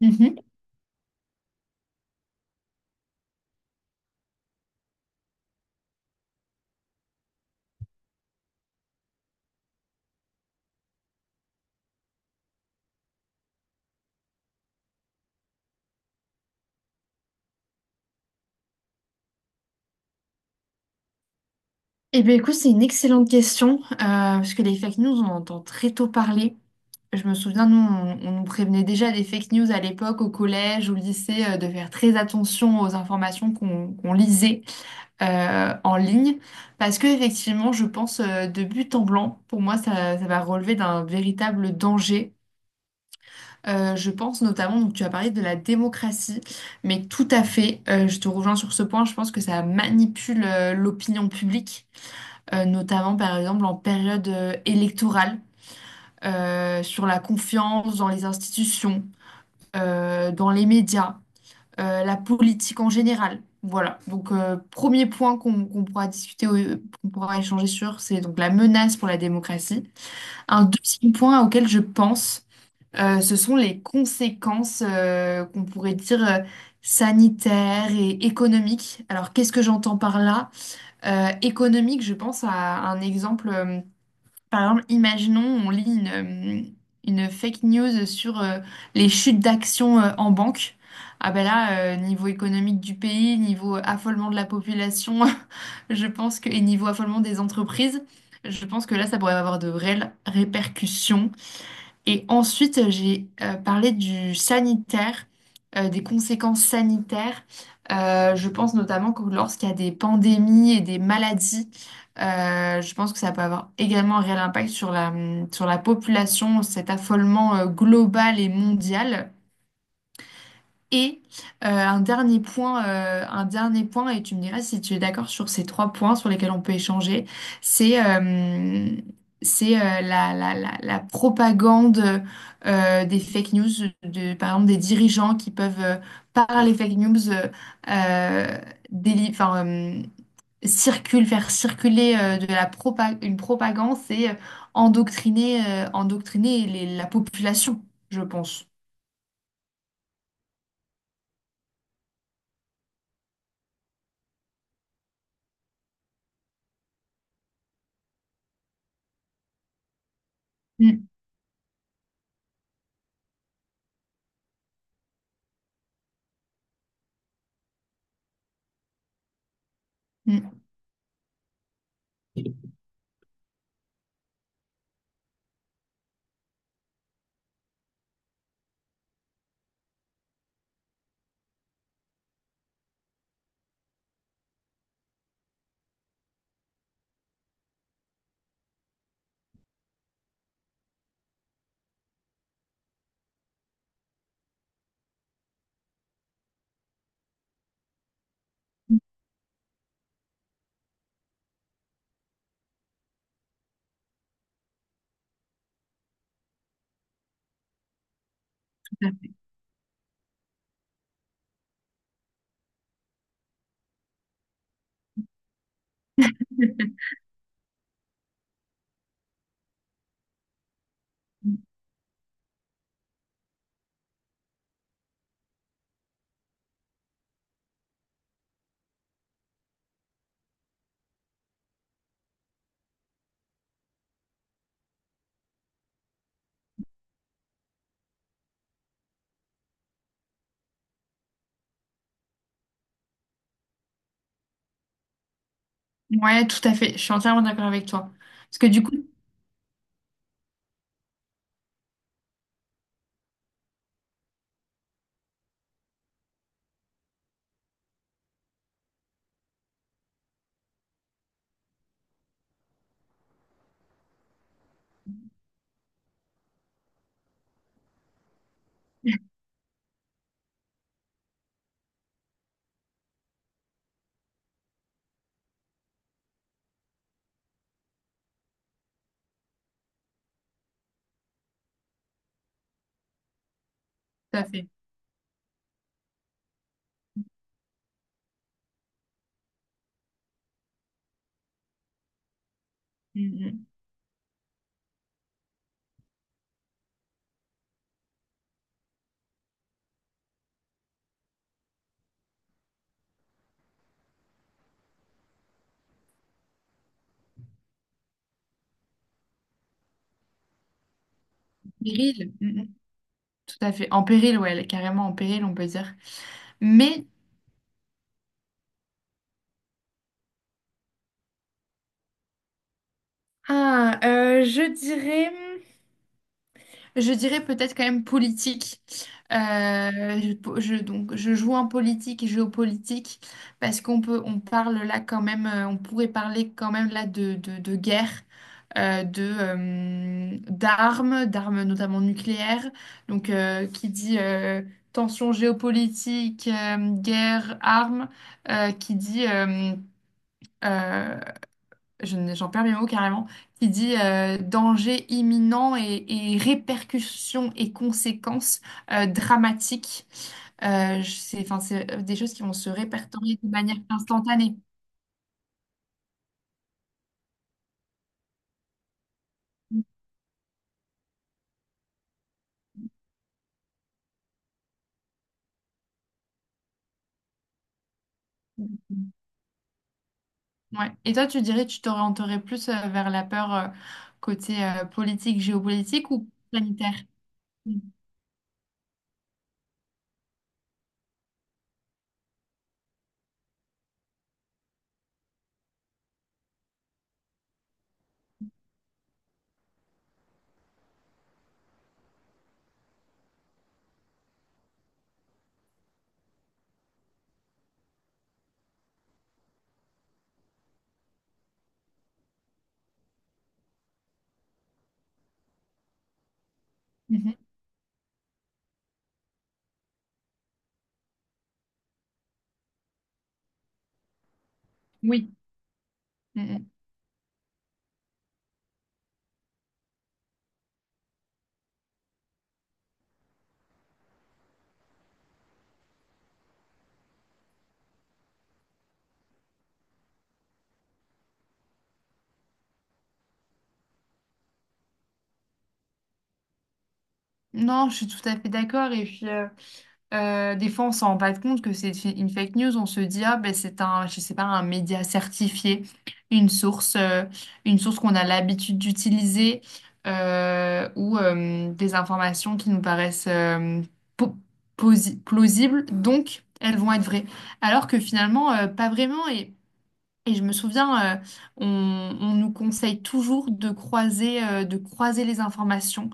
Mhm. Eh bien, écoute, c'est une excellente question, parce que les fake news, on en entend très tôt parler. Je me souviens, nous, on nous prévenait déjà des fake news à l'époque, au collège, au lycée, de faire très attention aux informations qu'on lisait en ligne, parce que effectivement, je pense de but en blanc, pour moi, ça va relever d'un véritable danger. Je pense notamment, donc tu as parlé de la démocratie, mais tout à fait, je te rejoins sur ce point, je pense que ça manipule l'opinion publique. Notamment par exemple en période électorale, sur la confiance dans les institutions, dans les médias, la politique en général. Voilà, donc premier point qu'on pourra discuter, qu'on pourra échanger sur, c'est donc la menace pour la démocratie. Un deuxième point auquel je pense, ce sont les conséquences qu'on pourrait dire sanitaires et économiques. Alors qu'est-ce que j'entends par là? Économique, je pense à un exemple. Par exemple, imaginons, on lit une fake news sur les chutes d'actions en banque. Ah ben là, niveau économique du pays, niveau affolement de la population, je pense que, et niveau affolement des entreprises, je pense que là, ça pourrait avoir de réelles répercussions et ensuite, j'ai parlé du sanitaire, des conséquences sanitaires. Je pense notamment que lorsqu'il y a des pandémies et des maladies, je pense que ça peut avoir également un réel impact sur la population, cet affolement global et mondial. Et un dernier point, et tu me diras si tu es d'accord sur ces trois points sur lesquels on peut échanger, c'est euh, c'est la propagande des fake news, de, par exemple des dirigeants qui peuvent par les fake news, euh, déli- enfin, euh, circule, faire circuler de la une propagande, c'est endoctriner, endoctriner la population, je pense. Mm, mm. Ouais, tout à fait. Je suis entièrement d'accord avec toi. Parce que du coup, tout à fait. Mhm. Péril. Mhm. Tout à fait. En péril, ouais, elle est carrément en péril, on peut dire. Mais ah, je dirais. Je dirais peut-être quand même politique. Euh, je, donc, je joue en politique et géopolitique parce qu'on peut, on parle là quand même, on pourrait parler quand même là de guerre, d'armes, d'armes notamment nucléaires. Donc, qui dit tension géopolitique, guerre, armes, qui dit euh, je j'en perds mes mots carrément, qui dit danger imminent et répercussions et conséquences dramatiques. C'est, enfin, c'est des choses qui vont se répertorier de manière instantanée. Ouais. Et toi, tu dirais que tu t'orienterais plus vers la peur côté politique, géopolitique ou planétaire? Mhm. Oui. Mhm. Non, je suis tout à fait d'accord. Et puis, des fois, on s'en rend pas compte que c'est une fake news. On se dit, ah, ben, c'est un, je sais pas, un média certifié, une source, euh, une source qu'on a l'habitude d'utiliser ou des informations qui nous paraissent po- plausibles. Donc, elles vont être vraies. Alors que finalement, pas vraiment. Et je me souviens, on nous conseille toujours de croiser les informations,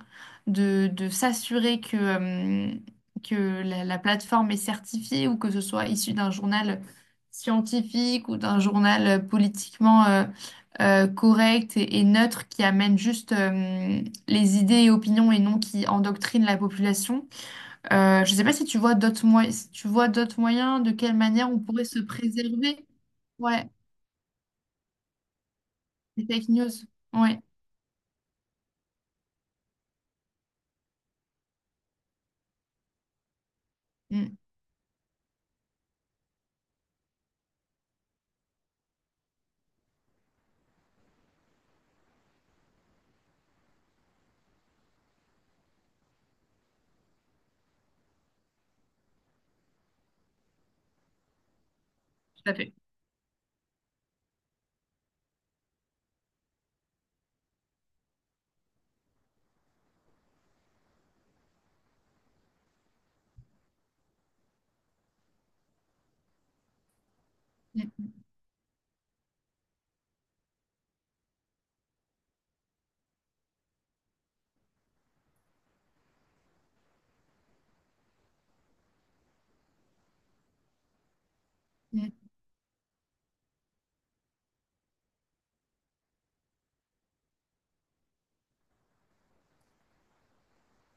de s'assurer que que la plateforme est certifiée ou que ce soit issu d'un journal scientifique ou d'un journal politiquement correct et neutre qui amène juste les idées et opinions et non qui endoctrine la population. Je ne sais pas si tu vois d'autres moyens, si tu vois d'autres moyens, de quelle manière on pourrait se préserver. Ouais. Les fake news. Oui. Mm. Tout à fait. Mm, mm.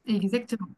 Exactement.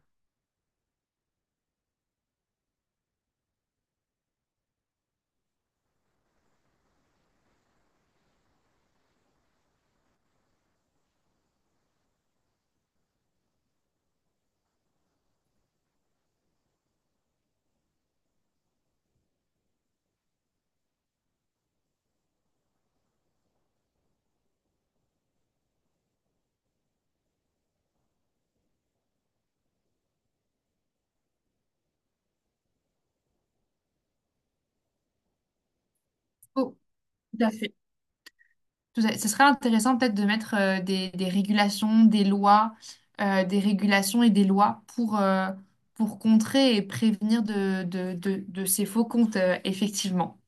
Oh, tout à fait. Tout à fait. Ce serait intéressant peut-être de mettre des régulations, des lois, des régulations et des lois pour contrer et prévenir de ces faux comptes, effectivement.